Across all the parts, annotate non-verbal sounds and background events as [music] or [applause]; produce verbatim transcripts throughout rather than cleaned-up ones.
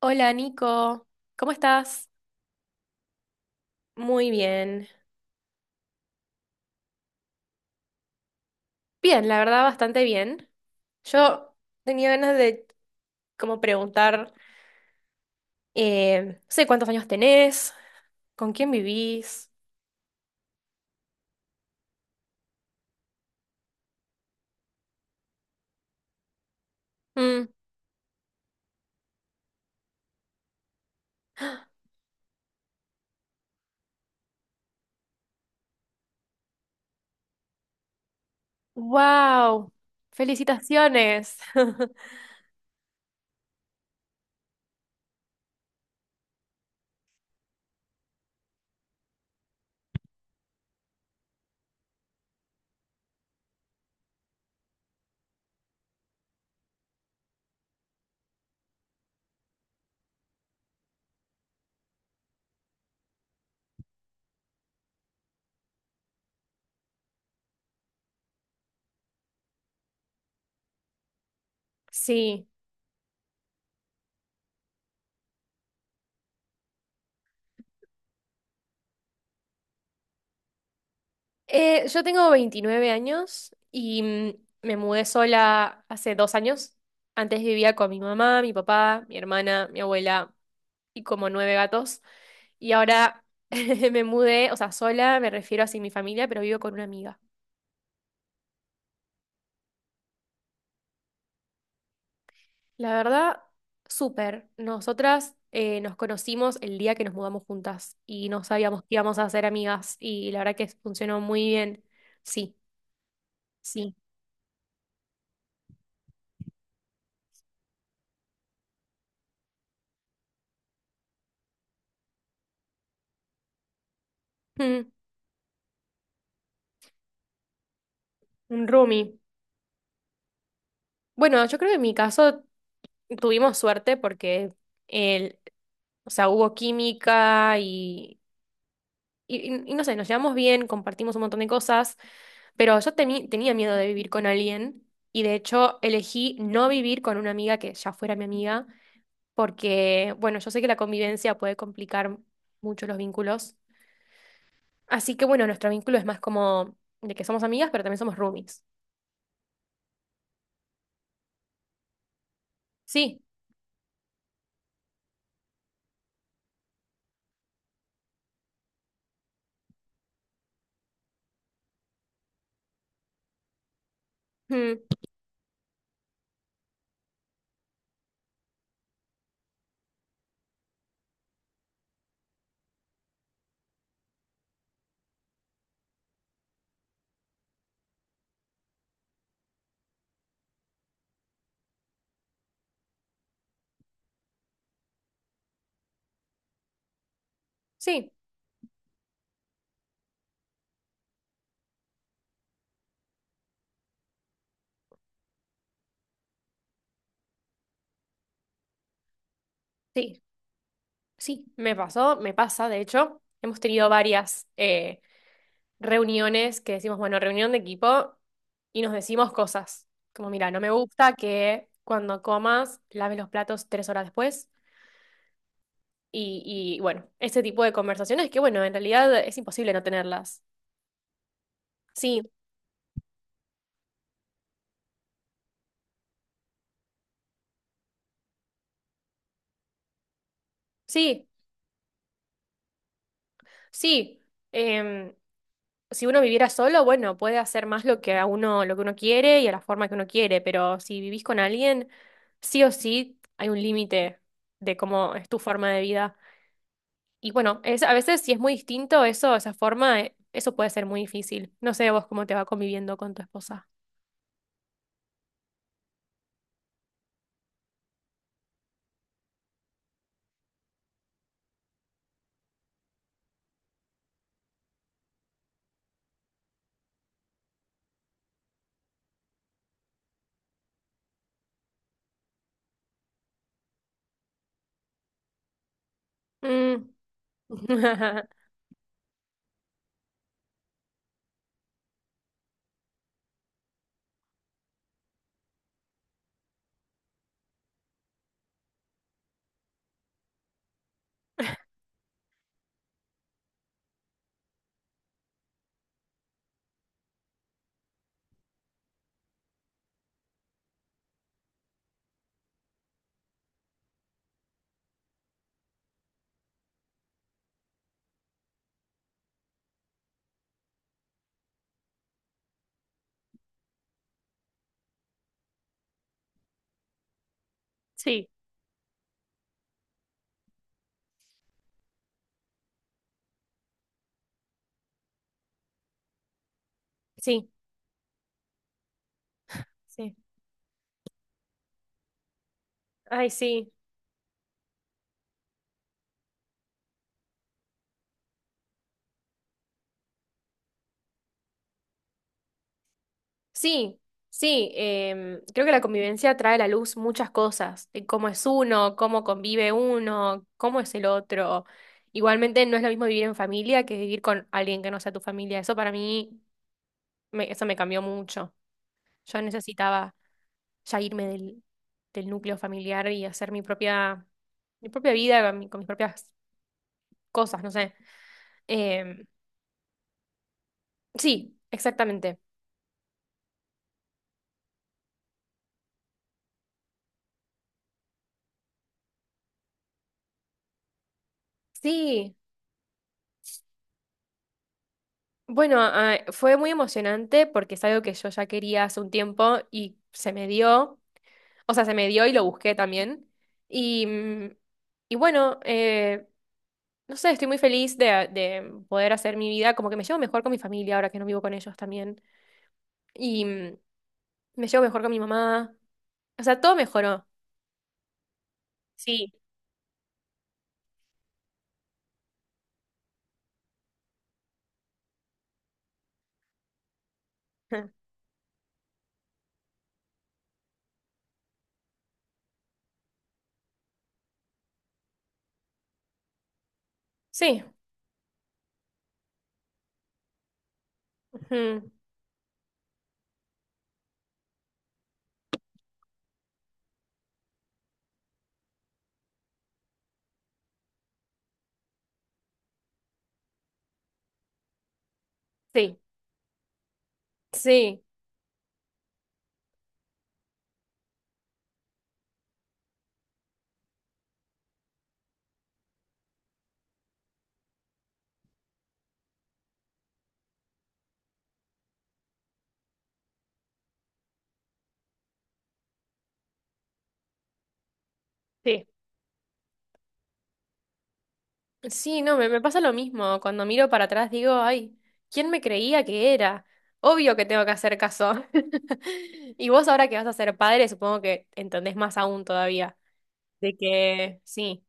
Hola Nico, ¿cómo estás? Muy bien. Bien, la verdad, bastante bien. Yo tenía ganas de como preguntar, eh, no sé cuántos años tenés, con quién vivís. Wow, felicitaciones. [laughs] Sí. Eh, yo tengo veintinueve años y mm, me mudé sola hace dos años. Antes vivía con mi mamá, mi papá, mi hermana, mi abuela y como nueve gatos. Y ahora [laughs] me mudé, o sea, sola, me refiero así a sin mi familia, pero vivo con una amiga. La verdad, súper. Nosotras eh, nos conocimos el día que nos mudamos juntas y no sabíamos que íbamos a ser amigas y la verdad que funcionó muy bien. Sí, sí. Mm, un roomie. Bueno, yo creo que en mi caso tuvimos suerte porque el, o sea, hubo química y Y, y- y no sé, nos llevamos bien, compartimos un montón de cosas, pero yo temi- tenía miedo de vivir con alguien y de hecho elegí no vivir con una amiga que ya fuera mi amiga, porque, bueno, yo sé que la convivencia puede complicar mucho los vínculos. Así que, bueno, nuestro vínculo es más como de que somos amigas, pero también somos roomies. Sí, mm, sí, sí, sí, me pasó, me pasa, de hecho, hemos tenido varias. Eh, reuniones que decimos, bueno, reunión de equipo y nos decimos cosas. Como, mira, no me gusta que cuando comas laves los platos tres horas después. Y, y bueno, ese tipo de conversaciones que, bueno, en realidad es imposible no tenerlas. Sí, sí, sí. Em, si uno viviera solo, bueno, puede hacer más lo que a uno, lo que uno quiere y a la forma que uno quiere, pero si vivís con alguien, sí o sí hay un límite de cómo es tu forma de vida. Y bueno, es, a veces si es muy distinto eso, esa forma, eh, eso puede ser muy difícil. No sé vos cómo te va conviviendo con tu esposa. Mm. [laughs] Sí, sí, sí. Ay, sí. Sí, sí. Em, creo que la convivencia trae a la luz muchas cosas, de cómo es uno, cómo convive uno, cómo es el otro. Igualmente no es lo mismo vivir en familia que vivir con alguien que no sea tu familia. Eso para mí, me- eso me cambió mucho. Yo necesitaba ya irme del, del núcleo familiar y hacer mi propia, mi propia vida con, mi- con mis propias cosas, no sé. Em, sí, exactamente. Sí, bueno, ah, fue muy emocionante porque es algo que yo ya quería hace un tiempo y se me dio, o sea, se me dio y lo busqué también. Y, mm, y bueno, eh, no sé, estoy muy feliz de, de poder hacer mi vida, como que me llevo mejor con mi familia ahora que no vivo con ellos también. Y, me llevo mejor con mi mamá. O sea, todo mejoró. Sí. Ujú. Sí. Ujú. Sí. Sí. Sí. Sí, no, me, me pasa lo mismo. Cuando miro para atrás digo, ay, ¿quién me creía que era? Obvio que tengo que hacer caso. [laughs] Y vos ahora que vas a ser padre, supongo que entendés más aún todavía. De que sí,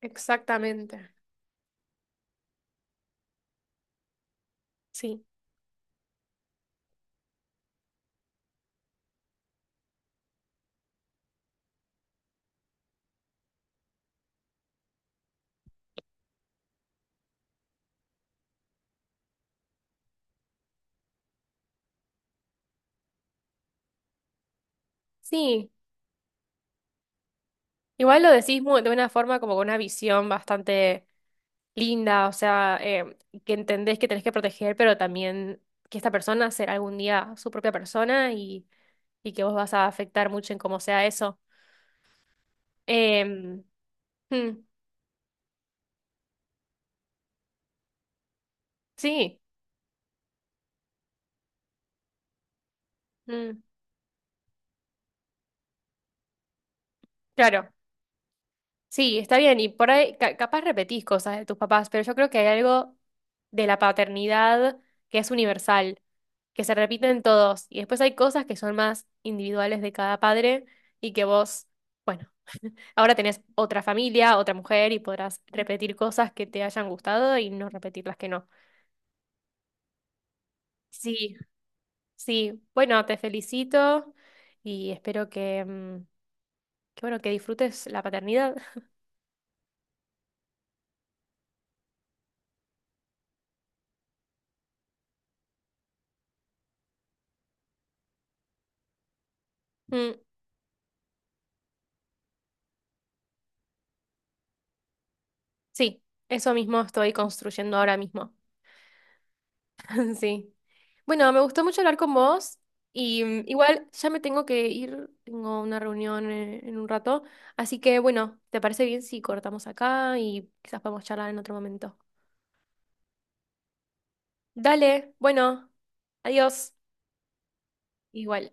exactamente. Sí. Sí. Igual lo decís mu- de una forma como con una visión bastante linda, o sea, eh, que entendés que tenés que proteger, pero también que esta persona será algún día su propia persona y, y que vos vas a afectar mucho en cómo sea eso. Em, mm, sí, mm, claro, sí, está bien, y por ahí ca- capaz repetís cosas de tus papás, pero yo creo que hay algo de la paternidad que es universal, que se repite en todos, y después hay cosas que son más individuales de cada padre y que vos... Bueno, ahora tenés otra familia, otra mujer y podrás repetir cosas que te hayan gustado y no repetir las que no. Sí, sí. Bueno, te felicito y espero que, mm, que bueno, que disfrutes la paternidad. [laughs] Mm, sí, eso mismo estoy construyendo ahora mismo. [laughs] Sí. Bueno, me gustó mucho hablar con vos y mm, igual ya me tengo que ir, tengo una reunión eh, en un rato, así que bueno, ¿te parece bien si cortamos acá y quizás podemos charlar en otro momento? Dale, bueno, adiós. Igual.